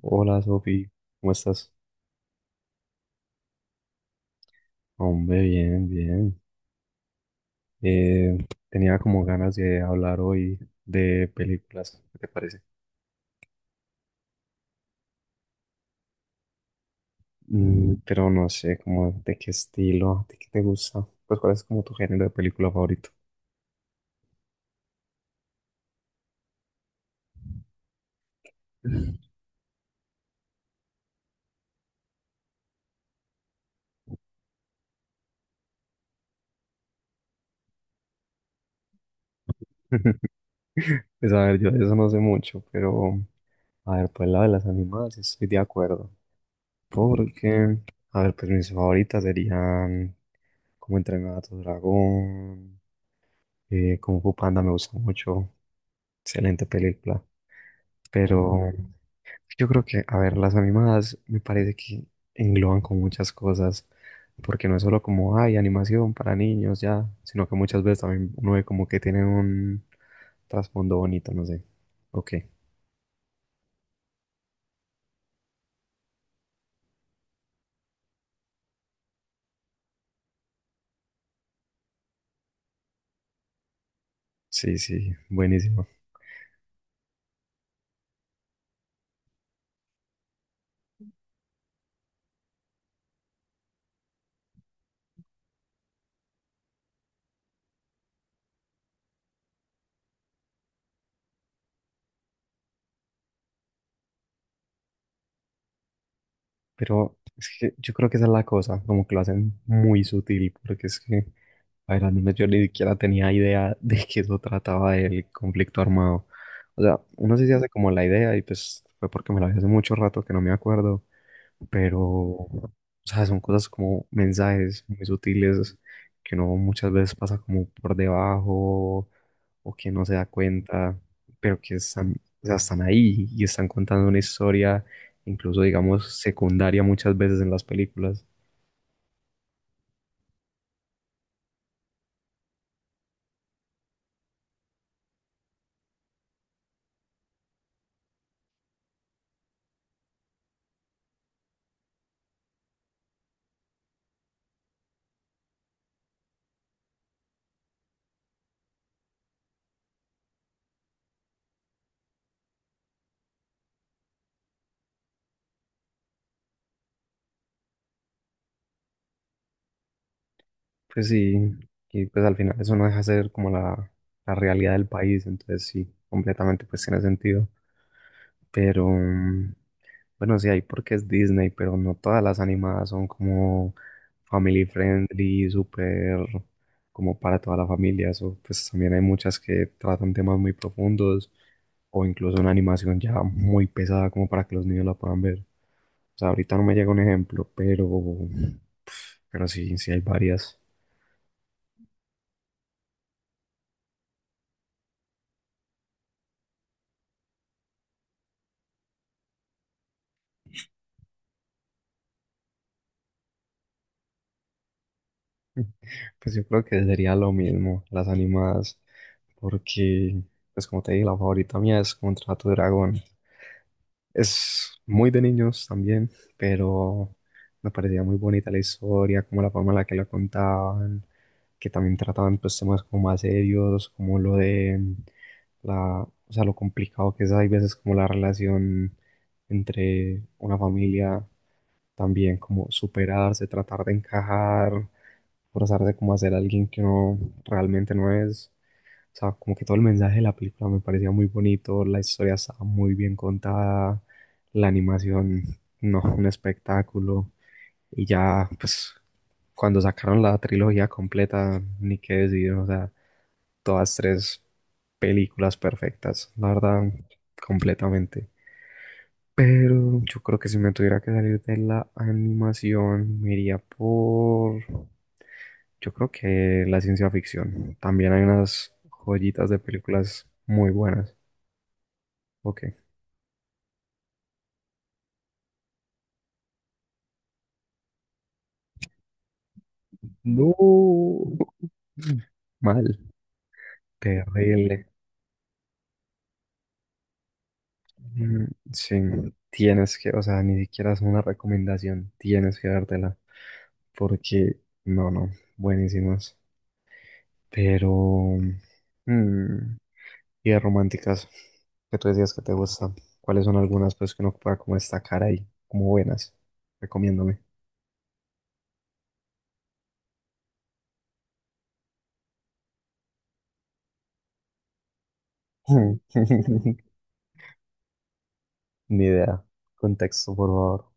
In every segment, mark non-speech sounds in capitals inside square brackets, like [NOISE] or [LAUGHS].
Hola Sofi, ¿cómo estás? Hombre, bien, bien. Eh, tenía como ganas de hablar hoy de películas, ¿qué te parece? Pero no sé, como de qué estilo, de qué te gusta. Pues cuál es como tu género de película favorito. [LAUGHS] Pues a ver, yo de eso no sé mucho, pero a ver, pues la de las animadas sí estoy de acuerdo. Porque, a ver, pues mis favoritas serían como entrenar a tu dragón. Kung Fu Panda me gusta mucho, excelente película. Pero yo creo que, a ver, las animadas me parece que engloban con muchas cosas, porque no es solo como, hay animación para niños ya, sino que muchas veces también uno ve como que tienen un trasfondo bonito, no sé. Ok, sí, sí, buenísimo. Pero es que yo creo que esa es la cosa, como que lo hacen muy sutil, porque es que, a ver, al menos yo ni siquiera tenía idea [LAUGHS] de que eso trataba el conflicto armado. O sea, uno sí se hace como la idea y pues fue porque me la vi hace mucho rato que no me acuerdo, pero, o sea, son cosas como mensajes muy sutiles que uno muchas veces pasa como por debajo o que no se da cuenta, pero que están, o sea, están ahí y están contando una historia, incluso digamos secundaria muchas veces en las películas. Pues sí, y pues al final eso no deja de ser como la realidad del país, entonces sí, completamente pues tiene sentido. Pero, bueno, sí hay porque es Disney, pero no todas las animadas son como family friendly, súper como para toda la familia. Eso, pues también hay muchas que tratan temas muy profundos o incluso una animación ya muy pesada como para que los niños la puedan ver. O sea, ahorita no me llega un ejemplo, pero, [SNIFFS] pero sí, sí hay varias. [LAUGHS] Pues yo creo que sería lo mismo, las animadas, porque, pues como te dije, la favorita mía es Contrato Dragón. Es muy de niños también, pero me parecía muy bonita la historia, como la forma en la que la contaban, que también trataban pues temas como más serios, como lo de la, o sea, lo complicado que es, hay veces como la relación entre una familia, también como superarse, tratar de encajar, forzarse como a ser alguien que no realmente no es. O sea, como que todo el mensaje de la película me parecía muy bonito, la historia estaba muy bien contada, la animación, no, un espectáculo. Y ya, pues, cuando sacaron la trilogía completa, ni qué decir, o sea, todas tres películas perfectas, la verdad, completamente. Pero yo creo que si me tuviera que salir de la animación, me iría por, yo creo que la ciencia ficción. También hay unas joyitas de películas muy buenas. Ok. No. Mal. Terrible. Mm. Sí. Tienes que, o sea, ni siquiera es una recomendación. Tienes que dártela. Porque, no, no. Buenísimas. Pero mm, y de románticas. Que tú decías que te gustan. ¿Cuáles son algunas, pues, que uno pueda como destacar ahí? Como buenas. Recomiéndome. [LAUGHS] Ni idea. Contexto, por favor.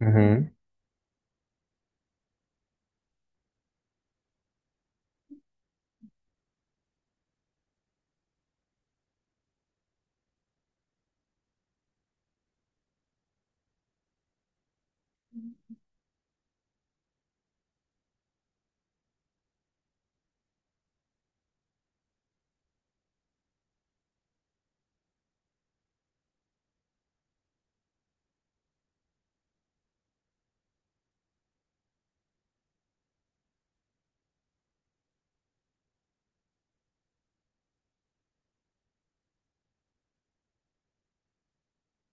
Ujú.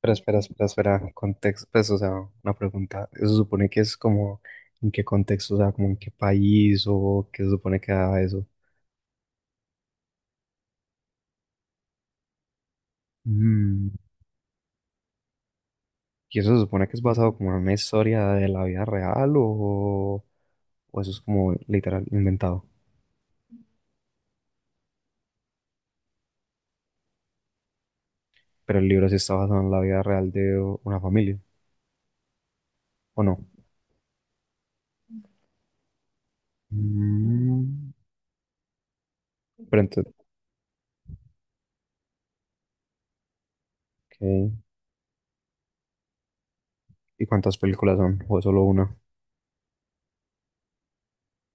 Pero espera, contexto, pues, o sea, una pregunta, ¿eso supone que es como, en qué contexto, o sea, como en qué país o qué se supone que da eso? Mm. ¿Y eso se supone que es basado como en una historia de la vida real o eso es como literal inventado? Pero el libro sí está basado en la vida real de una familia, ¿o no? Mm, pero entonces, ok, ¿y cuántas películas son? ¿O es solo una?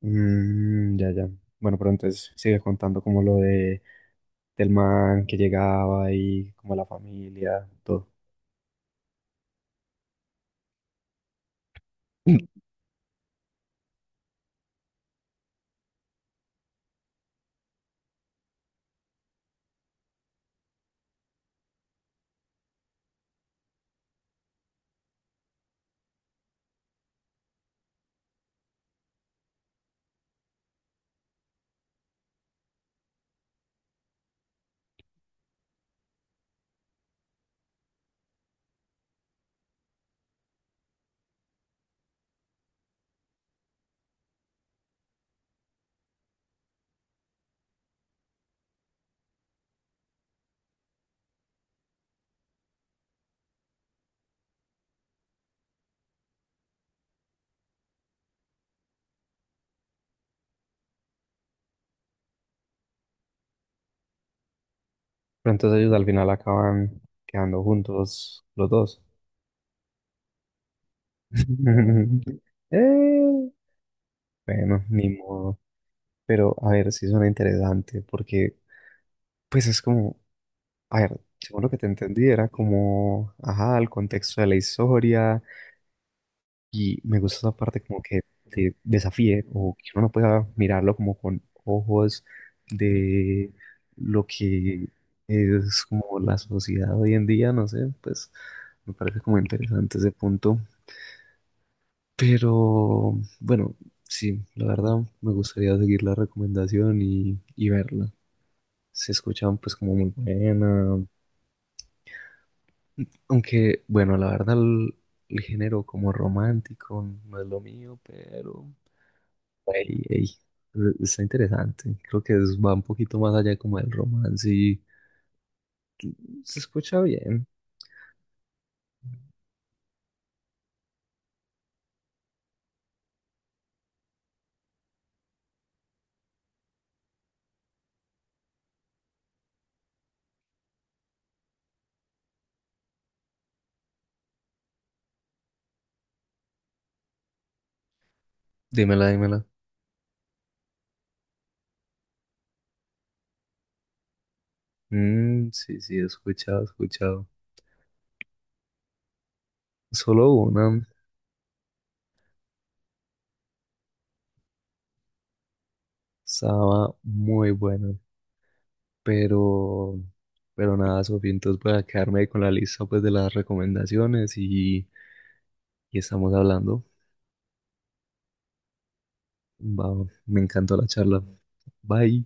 Mm, ya, ya. Bueno, pero entonces sigue contando como lo de del man que llegaba y como la familia, todo. Pero entonces ellos al final acaban quedando juntos los dos. [LAUGHS] Eh, bueno, ni modo. Pero a ver, sí suena interesante porque pues es como, a ver, según lo que te entendí era como, ajá, el contexto de la historia. Y me gusta esa parte como que te desafíe o que uno no pueda mirarlo como con ojos de lo que es como la sociedad hoy en día, no sé, pues me parece como interesante ese punto. Pero bueno, sí, la verdad me gustaría seguir la recomendación y verla. Se escuchan pues como muy buena, aunque bueno, la verdad el género como romántico no es lo mío, pero... Ey, ey, Está interesante. Creo que va un poquito más allá como del romance y se escucha bien. Dímela, dímela. Mm, sí, sí, he escuchado, he escuchado. Solo una estaba muy buena, pero, pero nada, Sofía, entonces voy a quedarme con la lista pues de las recomendaciones y estamos hablando. Va, me encantó la charla. Bye.